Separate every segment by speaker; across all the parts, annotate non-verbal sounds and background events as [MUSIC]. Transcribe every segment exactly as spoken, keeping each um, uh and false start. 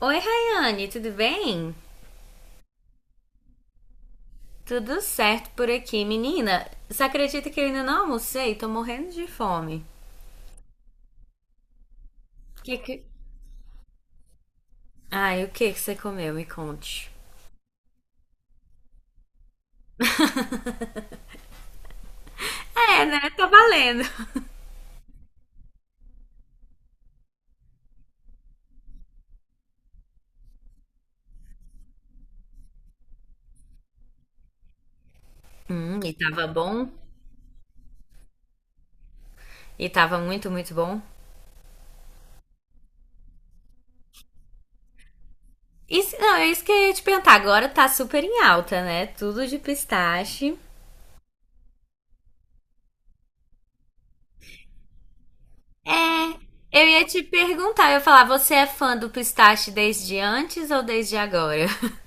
Speaker 1: Oi, Rayane, tudo bem? Tudo certo por aqui, menina. Você acredita que eu ainda não almocei? Tô morrendo de fome. Que que... Ai, o que que você comeu? Me conte. É, né? Tá valendo. Hum, e tava bom? E tava muito, muito bom? Isso, não, é isso que eu ia te perguntar. Agora tá super em alta, né? Tudo de pistache. É, eu ia te perguntar, eu ia falar, você é fã do pistache desde antes ou desde agora? [LAUGHS]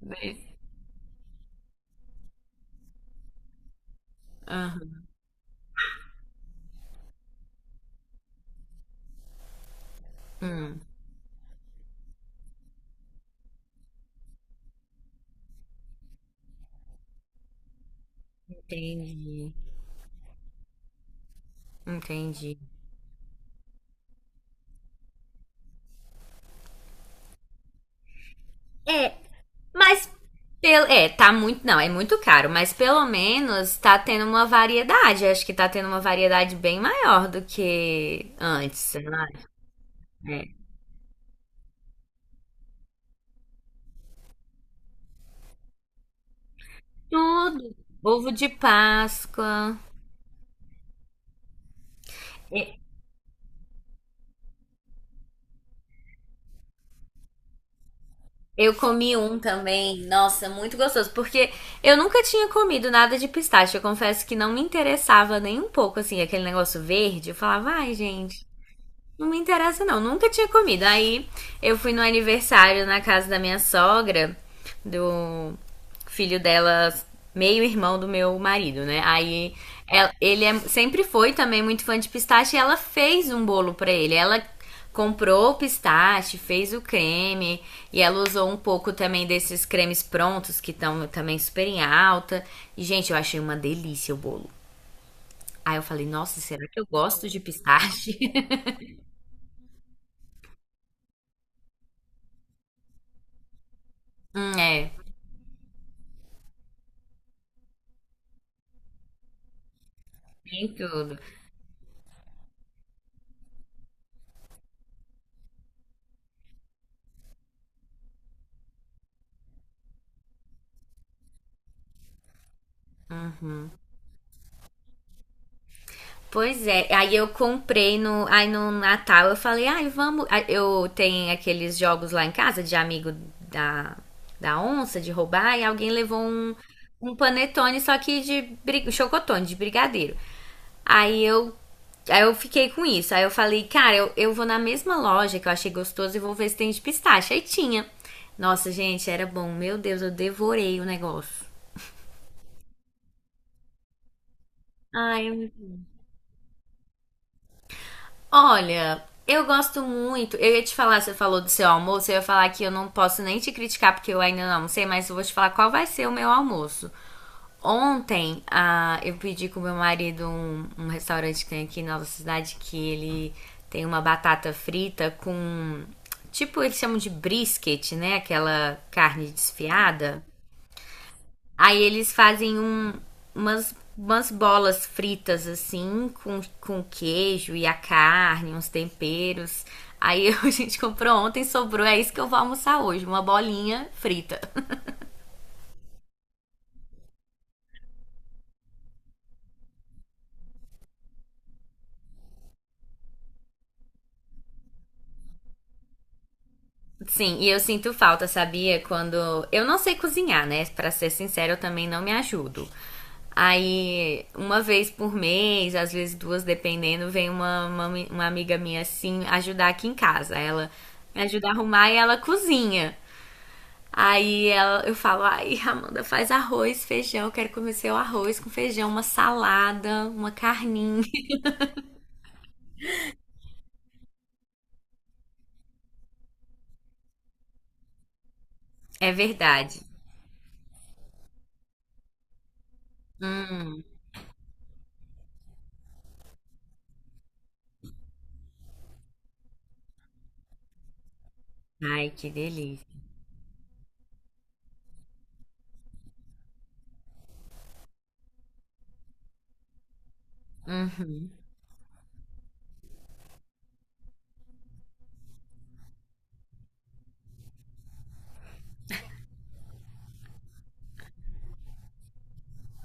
Speaker 1: Desde. Aham, entendi. Entendi. Mas pelo, é, tá muito, não, é muito caro, mas pelo menos tá tendo uma variedade. Acho que tá tendo uma variedade bem maior do que antes, sei lá. É. Tudo. Ovo de Páscoa. E- Eu comi um também, nossa, muito gostoso, porque eu nunca tinha comido nada de pistache. Eu confesso que não me interessava nem um pouco, assim, aquele negócio verde. Eu falava, ai, gente, não me interessa, não. Nunca tinha comido. Aí eu fui no aniversário na casa da minha sogra, do filho dela, meio irmão do meu marido, né? Aí ela- ele é- sempre foi também muito fã de pistache e ela fez um bolo pra ele. Ela comprou o pistache, fez o creme e ela usou um pouco também desses cremes prontos que estão também super em alta. E, gente, eu achei uma delícia o bolo. Aí eu falei, nossa, será que eu gosto de pistache? [LAUGHS] Hum, é, tem tudo. Pois é, aí eu comprei no, aí no Natal, eu falei, ai, vamos, aí eu tenho aqueles jogos lá em casa de amigo da, da onça, de roubar, e alguém levou um, um panetone, só que de bri- chocotone, de brigadeiro. Aí eu, aí eu fiquei com isso, aí eu falei, cara, eu, eu vou na mesma loja que eu achei gostoso e vou ver se tem de pistache, aí tinha. Nossa, gente, era bom, meu Deus, eu devorei o negócio. Ai, olha, eu gosto muito. Eu ia te falar, você falou do seu almoço, eu ia falar que eu não posso nem te criticar porque eu ainda não almocei, mas eu vou te falar qual vai ser o meu almoço. Ontem, ah, eu pedi com meu marido um, um restaurante que tem aqui na nossa cidade que ele tem uma batata frita com. Tipo, eles chamam de brisket, né? Aquela carne desfiada. Aí eles fazem um, umas, umas bolas fritas, assim, com, com queijo e a carne, uns temperos. Aí [LAUGHS] a gente comprou ontem, sobrou, é isso que eu vou almoçar hoje, uma bolinha frita. [LAUGHS] Sim, e eu sinto falta, sabia? Quando. Eu não sei cozinhar, né? Pra ser sincero, eu também não me ajudo. Aí, uma vez por mês, às vezes duas, dependendo, vem uma, uma, uma amiga minha assim ajudar aqui em casa. Ela me ajuda a arrumar e ela cozinha. Aí ela, eu falo, ai, Amanda, faz arroz, feijão, eu quero comer seu arroz com feijão, uma salada, uma carninha. [LAUGHS] É verdade. Hum, ai, que delícia.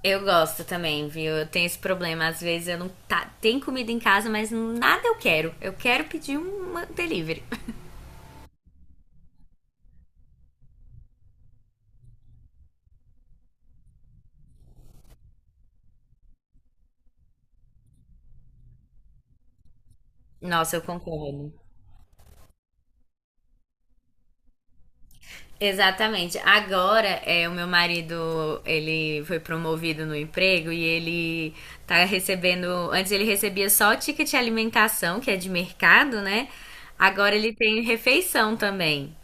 Speaker 1: Eu gosto também, viu? Eu tenho esse problema. Às vezes eu não tá, tem comida em casa, mas nada eu quero. Eu quero pedir um delivery. [LAUGHS] Nossa, eu concordo. Exatamente. Agora, é, o meu marido, ele foi promovido no emprego e ele tá recebendo, antes ele recebia só o ticket de alimentação, que é de mercado, né? Agora ele tem refeição também.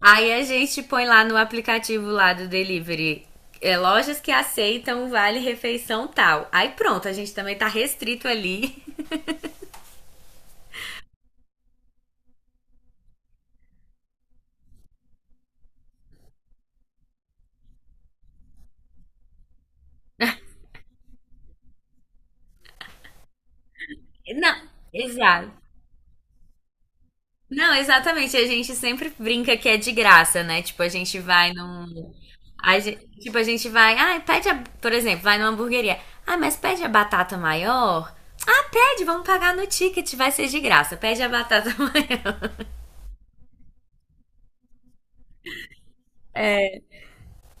Speaker 1: Aí a gente põe lá no aplicativo lá do delivery, é, lojas que aceitam vale refeição tal. Aí pronto, a gente também tá restrito ali. [LAUGHS] Não, exato. Não, exatamente. A gente sempre brinca que é de graça, né? Tipo, a gente vai num. A gente, tipo, a gente vai, ah, pede, a, por exemplo, vai numa hamburgueria. Ah, mas pede a batata maior? Ah, pede, vamos pagar no ticket, vai ser de graça. Pede a batata [LAUGHS] maior.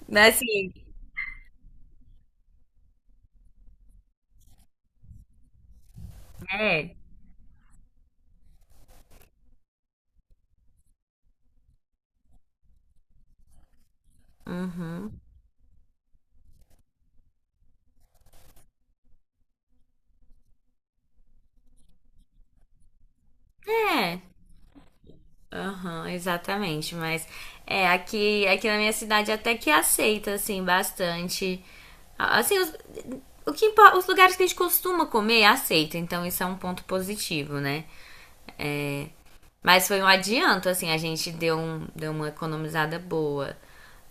Speaker 1: Mas, assim, é. É. Aham, exatamente. Mas é, aqui, aqui na minha cidade até que aceita, assim, bastante. A- Assim, os, o que, impo- os lugares que a gente costuma comer aceita, então isso é um ponto positivo, né? Mas foi um adianto, assim, a gente deu, um, deu uma economizada boa.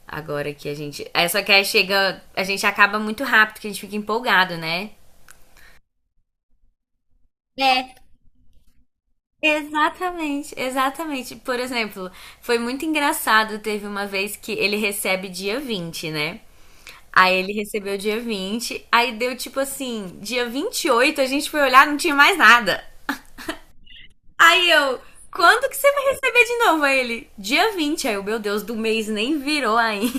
Speaker 1: Agora que a gente. É só que aí chega. A gente acaba muito rápido, que a gente fica empolgado, né? É, exatamente, exatamente. Por exemplo, foi muito engraçado. Teve uma vez que ele recebe dia vinte né? Aí ele recebeu dia vinte aí deu tipo assim, dia vinte e oito a gente foi olhar, não tinha mais nada. Aí eu, quando que você vai receber de novo? Aí ele, dia vinte. Aí eu, meu Deus, do mês nem virou ainda.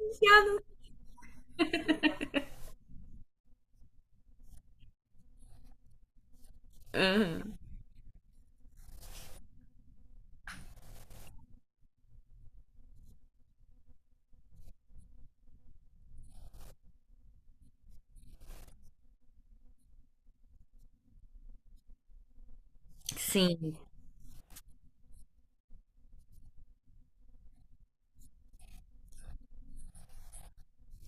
Speaker 1: Associado. Sim,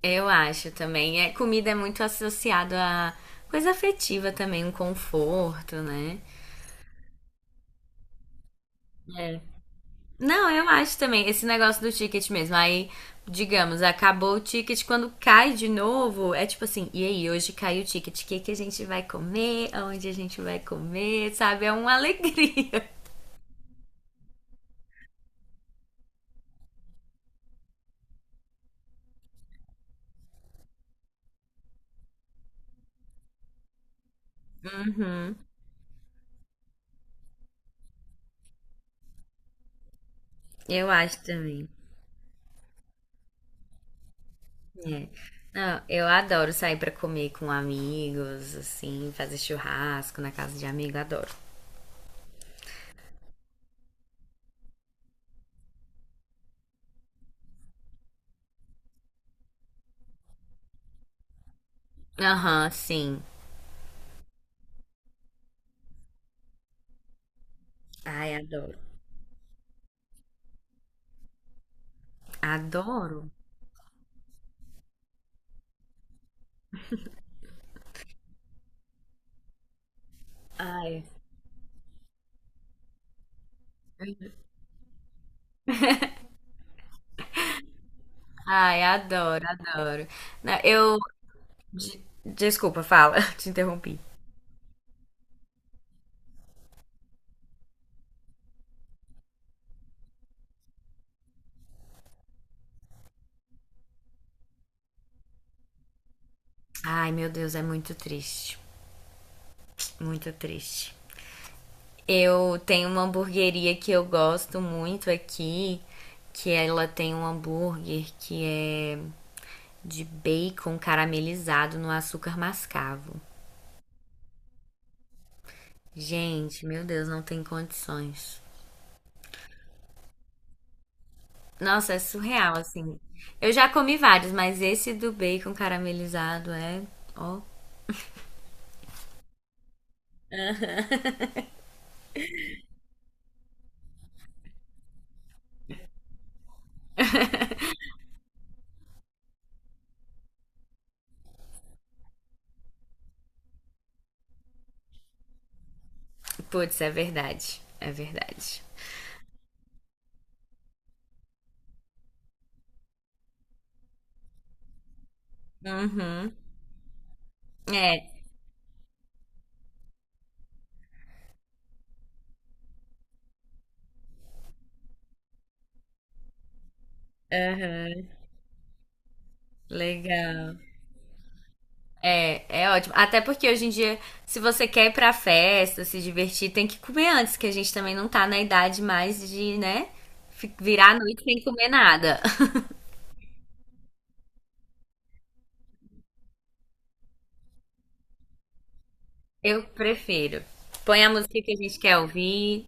Speaker 1: eu acho também. É, comida é muito associado a coisa afetiva também, um conforto, né? É. Não, eu acho também. Esse negócio do ticket mesmo. Aí, digamos, acabou o ticket, quando cai de novo, é tipo assim, e aí, hoje caiu o ticket, o que que a gente vai comer? Aonde a gente vai comer? Sabe? É uma alegria. [LAUGHS] Uhum, eu acho também. É. Não, eu adoro sair pra comer com amigos, assim, fazer churrasco na casa de amigo, adoro. Aham, sim. Ai, adoro. Adoro. Ai, ai, adoro, adoro. Não, eu. de- Desculpa, fala, [LAUGHS] te interrompi. Ai, meu Deus, é muito triste. Muito triste. Eu tenho uma hamburgueria que eu gosto muito aqui, que ela tem um hambúrguer que é de bacon caramelizado no açúcar mascavo. Gente, meu Deus, não tem condições. Nossa, é surreal, assim. Eu já comi vários, mas esse do bacon caramelizado é. Ó. Putz, é verdade. É verdade. Uhum. É. Aham. Legal. É, é ótimo. Até porque hoje em dia, se você quer ir pra festa, se divertir, tem que comer antes, que a gente também não tá na idade mais de, né, fi- virar a noite sem comer nada. Eu prefiro. Põe a música que a gente quer ouvir.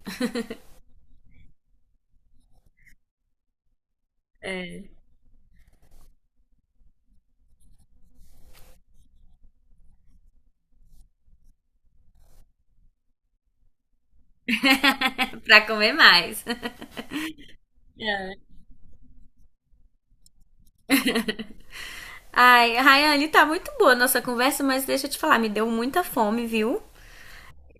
Speaker 1: É. [LAUGHS] Pra comer mais. Ai, Rayane, tá muito boa a nossa conversa, mas deixa eu te falar, me deu muita fome, viu?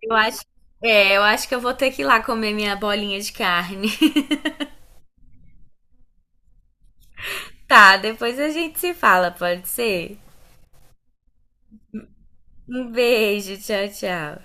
Speaker 1: Eu acho, é, eu acho que eu vou ter que ir lá comer minha bolinha de carne. [LAUGHS] Tá, depois a gente se fala, pode ser? Um beijo, tchau, tchau.